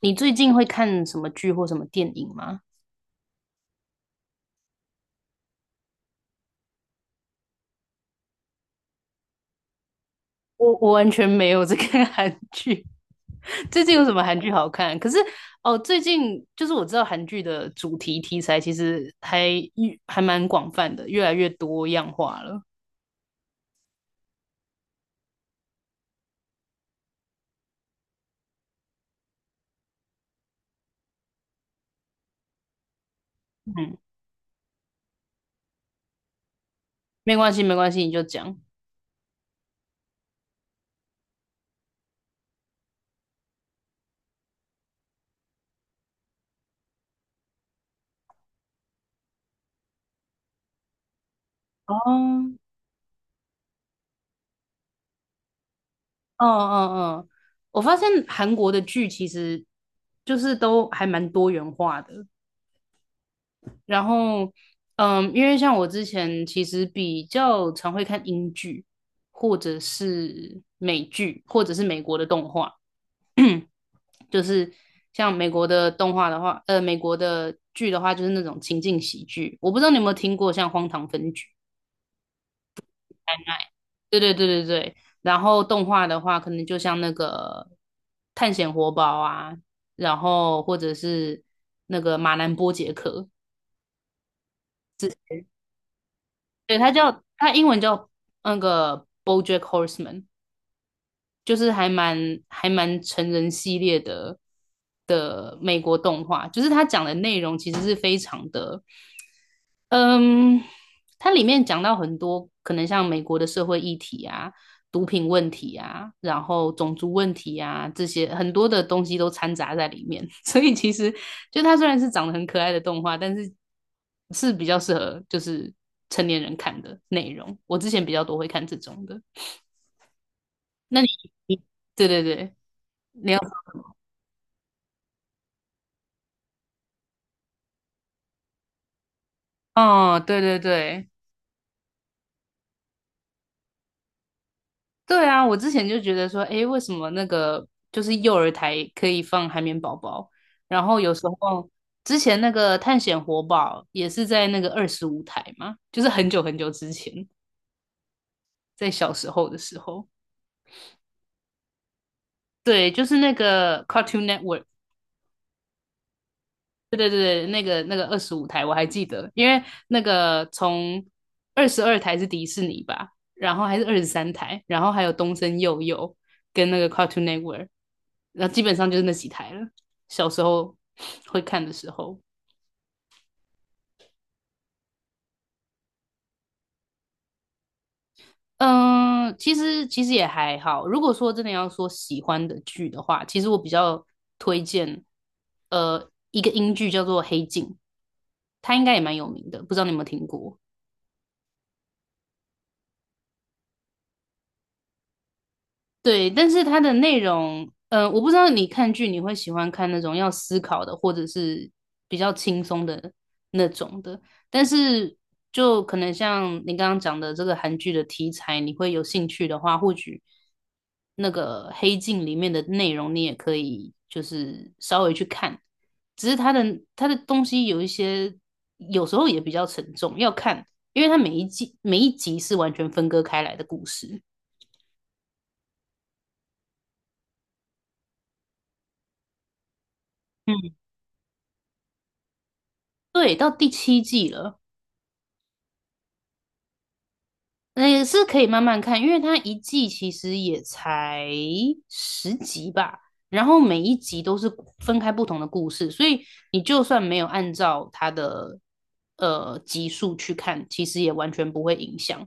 你最近会看什么剧或什么电影吗？我完全没有在看 韩剧，最近有什么韩剧好看？可是哦，最近就是我知道韩剧的主题题材其实还蛮广泛的，越来越多样化了。嗯，没关系，没关系，你就讲。哦，嗯嗯嗯，我发现韩国的剧其实就是都还蛮多元化的，然后，嗯，因为像我之前其实比较常会看英剧，或者是美剧，或者是美国的动画，就是像美国的动画的话，美国的剧的话，就是那种情境喜剧。我不知道你有没有听过像《荒唐分局》？对对对对对。然后动画的话，可能就像那个《探险活宝》啊，然后或者是那个《马南波杰克》，对，他叫他英文叫那个 BoJack Horseman,就是还蛮成人系列的美国动画，就是他讲的内容其实是非常的嗯，它里面讲到很多可能像美国的社会议题啊、毒品问题啊，然后种族问题啊，这些很多的东西都掺杂在里面。所以其实就它虽然是长得很可爱的动画，但是是比较适合就是成年人看的内容。我之前比较多会看这种的。那你，你对对对，你要哦，对对对，对啊，我之前就觉得说，诶，为什么那个就是幼儿台可以放海绵宝宝，然后有时候之前那个探险活宝也是在那个二十五台嘛，就是很久很久之前，在小时候的时候，对，就是那个 Cartoon Network 对对对，那个二十五台我还记得，因为那个从22台是迪士尼吧，然后还是23台，然后还有东森幼幼跟那个 Cartoon Network,然后基本上就是那几台了。小时候会看的时候，嗯，其实也还好。如果说真的要说喜欢的剧的话，其实我比较推荐一个英剧叫做《黑镜》，它应该也蛮有名的，不知道你有没有听过。对，但是它的内容，嗯，我不知道你看剧你会喜欢看那种要思考的，或者是比较轻松的那种的。但是就可能像你刚刚讲的这个韩剧的题材，你会有兴趣的话，或许那个《黑镜》里面的内容你也可以就是稍微去看，只是它的东西有一些有时候也比较沉重，要看，因为它每一季每一集是完全分割开来的故事。嗯。对，到第7季了，那也是可以慢慢看，因为它一季其实也才10集吧，然后每一集都是分开不同的故事，所以你就算没有按照它的集数去看，其实也完全不会影响。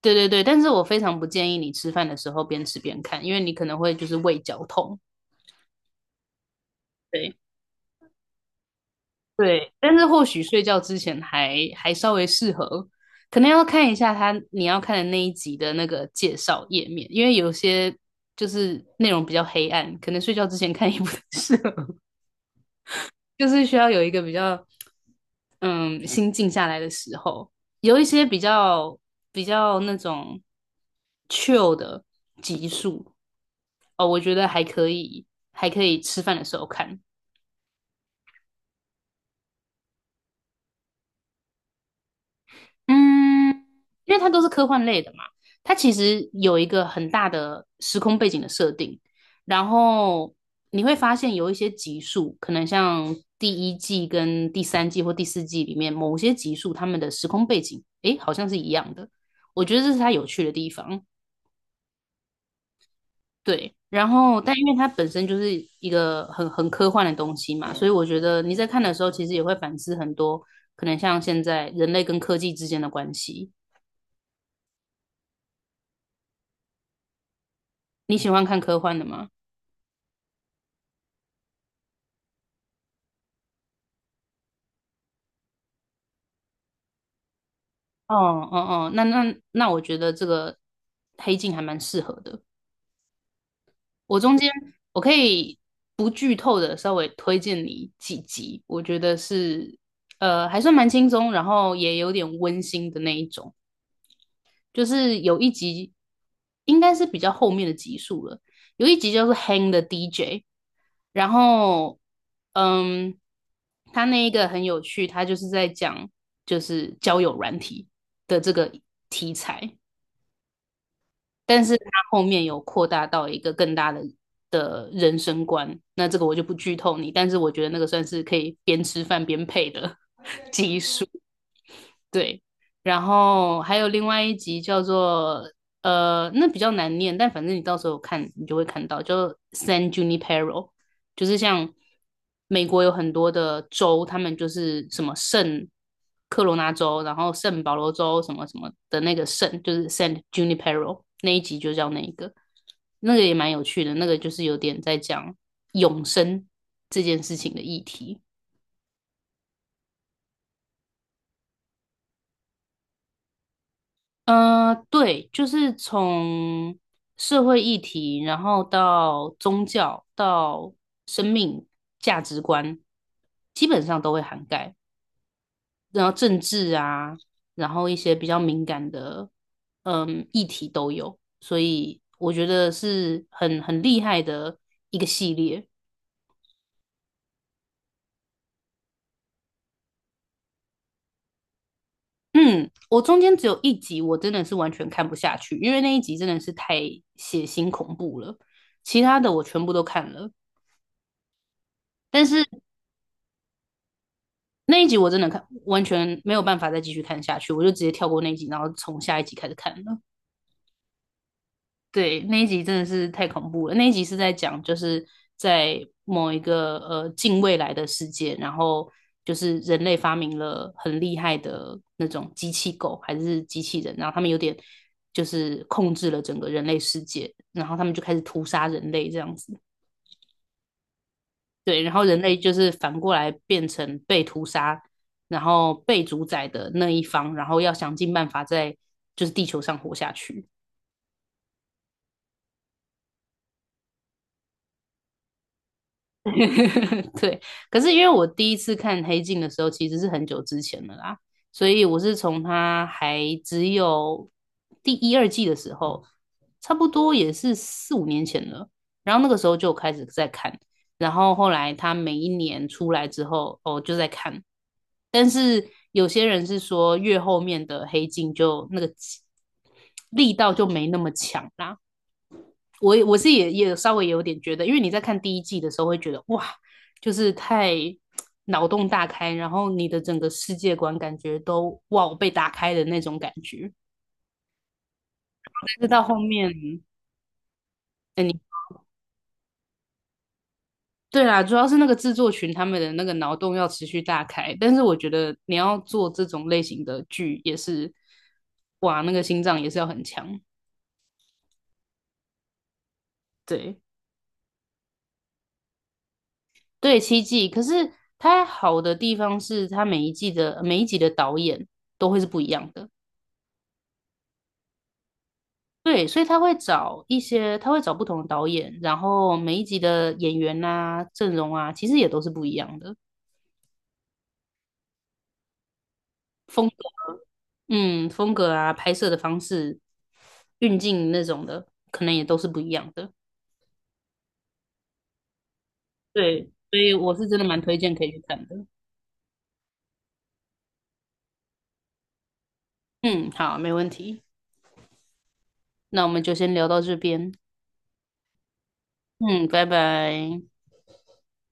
对对对，但是我非常不建议你吃饭的时候边吃边看，因为你可能会就是胃绞痛。对。对，但是或许睡觉之前还稍微适合，可能要看一下你要看的那一集的那个介绍页面，因为有些就是内容比较黑暗，可能睡觉之前看也不太适合，就是需要有一个比较嗯心静下来的时候，有一些比较那种 chill 的集数哦，我觉得还可以，还可以吃饭的时候看，嗯，因为它都是科幻类的嘛，它其实有一个很大的时空背景的设定，然后你会发现有一些集数，可能像第1季跟第3季或第4季里面某些集数，他们的时空背景，诶，好像是一样的，我觉得这是它有趣的地方。对，然后但因为它本身就是一个很科幻的东西嘛，所以我觉得你在看的时候，其实也会反思很多，可能像现在人类跟科技之间的关系。你喜欢看科幻的吗？哦哦哦，那，我觉得这个《黑镜》还蛮适合的。我中间我可以不剧透的稍微推荐你几集，我觉得是还算蛮轻松，然后也有点温馨的那一种。就是有一集应该是比较后面的集数了，有一集叫做《Hang the DJ》,然后嗯，他那一个很有趣，他就是在讲就是交友软体的这个题材，但是他后面有扩大到一个更大的。的人生观，那这个我就不剧透你，但是我觉得那个算是可以边吃饭边配的对，然后还有另外一集叫做那比较难念，但反正你到时候看你就会看到，叫 San Junipero,就是像美国有很多的州，他们就是什么圣科罗纳州，然后圣保罗州什么什么的那个圣，就是 San Junipero 那一集就叫那一个，那个也蛮有趣的，那个就是有点在讲永生这件事情的议题。对，就是从社会议题，然后到宗教，到生命价值观，基本上都会涵盖。然后政治啊，然后一些比较敏感的，嗯，议题都有。所以我觉得是很厉害的一个系列。嗯，我中间只有一集，我真的是完全看不下去，因为那一集真的是太血腥恐怖了。其他的我全部都看了，但是。那一集我真的看完全没有办法再继续看下去，我就直接跳过那一集，然后从下一集开始看了。对，那一集真的是太恐怖了。那一集是在讲就是在某一个近未来的世界，然后就是人类发明了很厉害的那种机器狗还是机器人，然后他们有点就是控制了整个人类世界，然后他们就开始屠杀人类这样子。对，然后人类就是反过来变成被屠杀，然后被主宰的那一方，然后要想尽办法在就是地球上活下去。对，可是因为我第一次看《黑镜》的时候，其实是很久之前的啦，所以我是从它还只有第1、2季的时候，差不多也是4、5年前了。然后那个时候就开始在看，然后后来它每一年出来之后，哦，就在看。但是有些人是说，越后面的《黑镜》就那个力道就没那么强啦。我是也稍微有点觉得，因为你在看第一季的时候会觉得哇，就是太脑洞大开，然后你的整个世界观感觉都哇被打开的那种感觉。但是到后面，哎，你对啦，主要是那个制作群他们的那个脑洞要持续大开。但是我觉得你要做这种类型的剧也是，哇，那个心脏也是要很强。对对，七季，可是它好的地方是它每一季的每一集的导演都会是不一样的。对，所以他会找一些，他会找不同的导演，然后每一集的演员啊、阵容啊，其实也都是不一样的风格，嗯，风格啊、拍摄的方式、运镜那种的，可能也都是不一样的。对，所以我是真的蛮推荐可以去看的。嗯，好，没问题，那我们就先聊到这边。嗯，拜拜。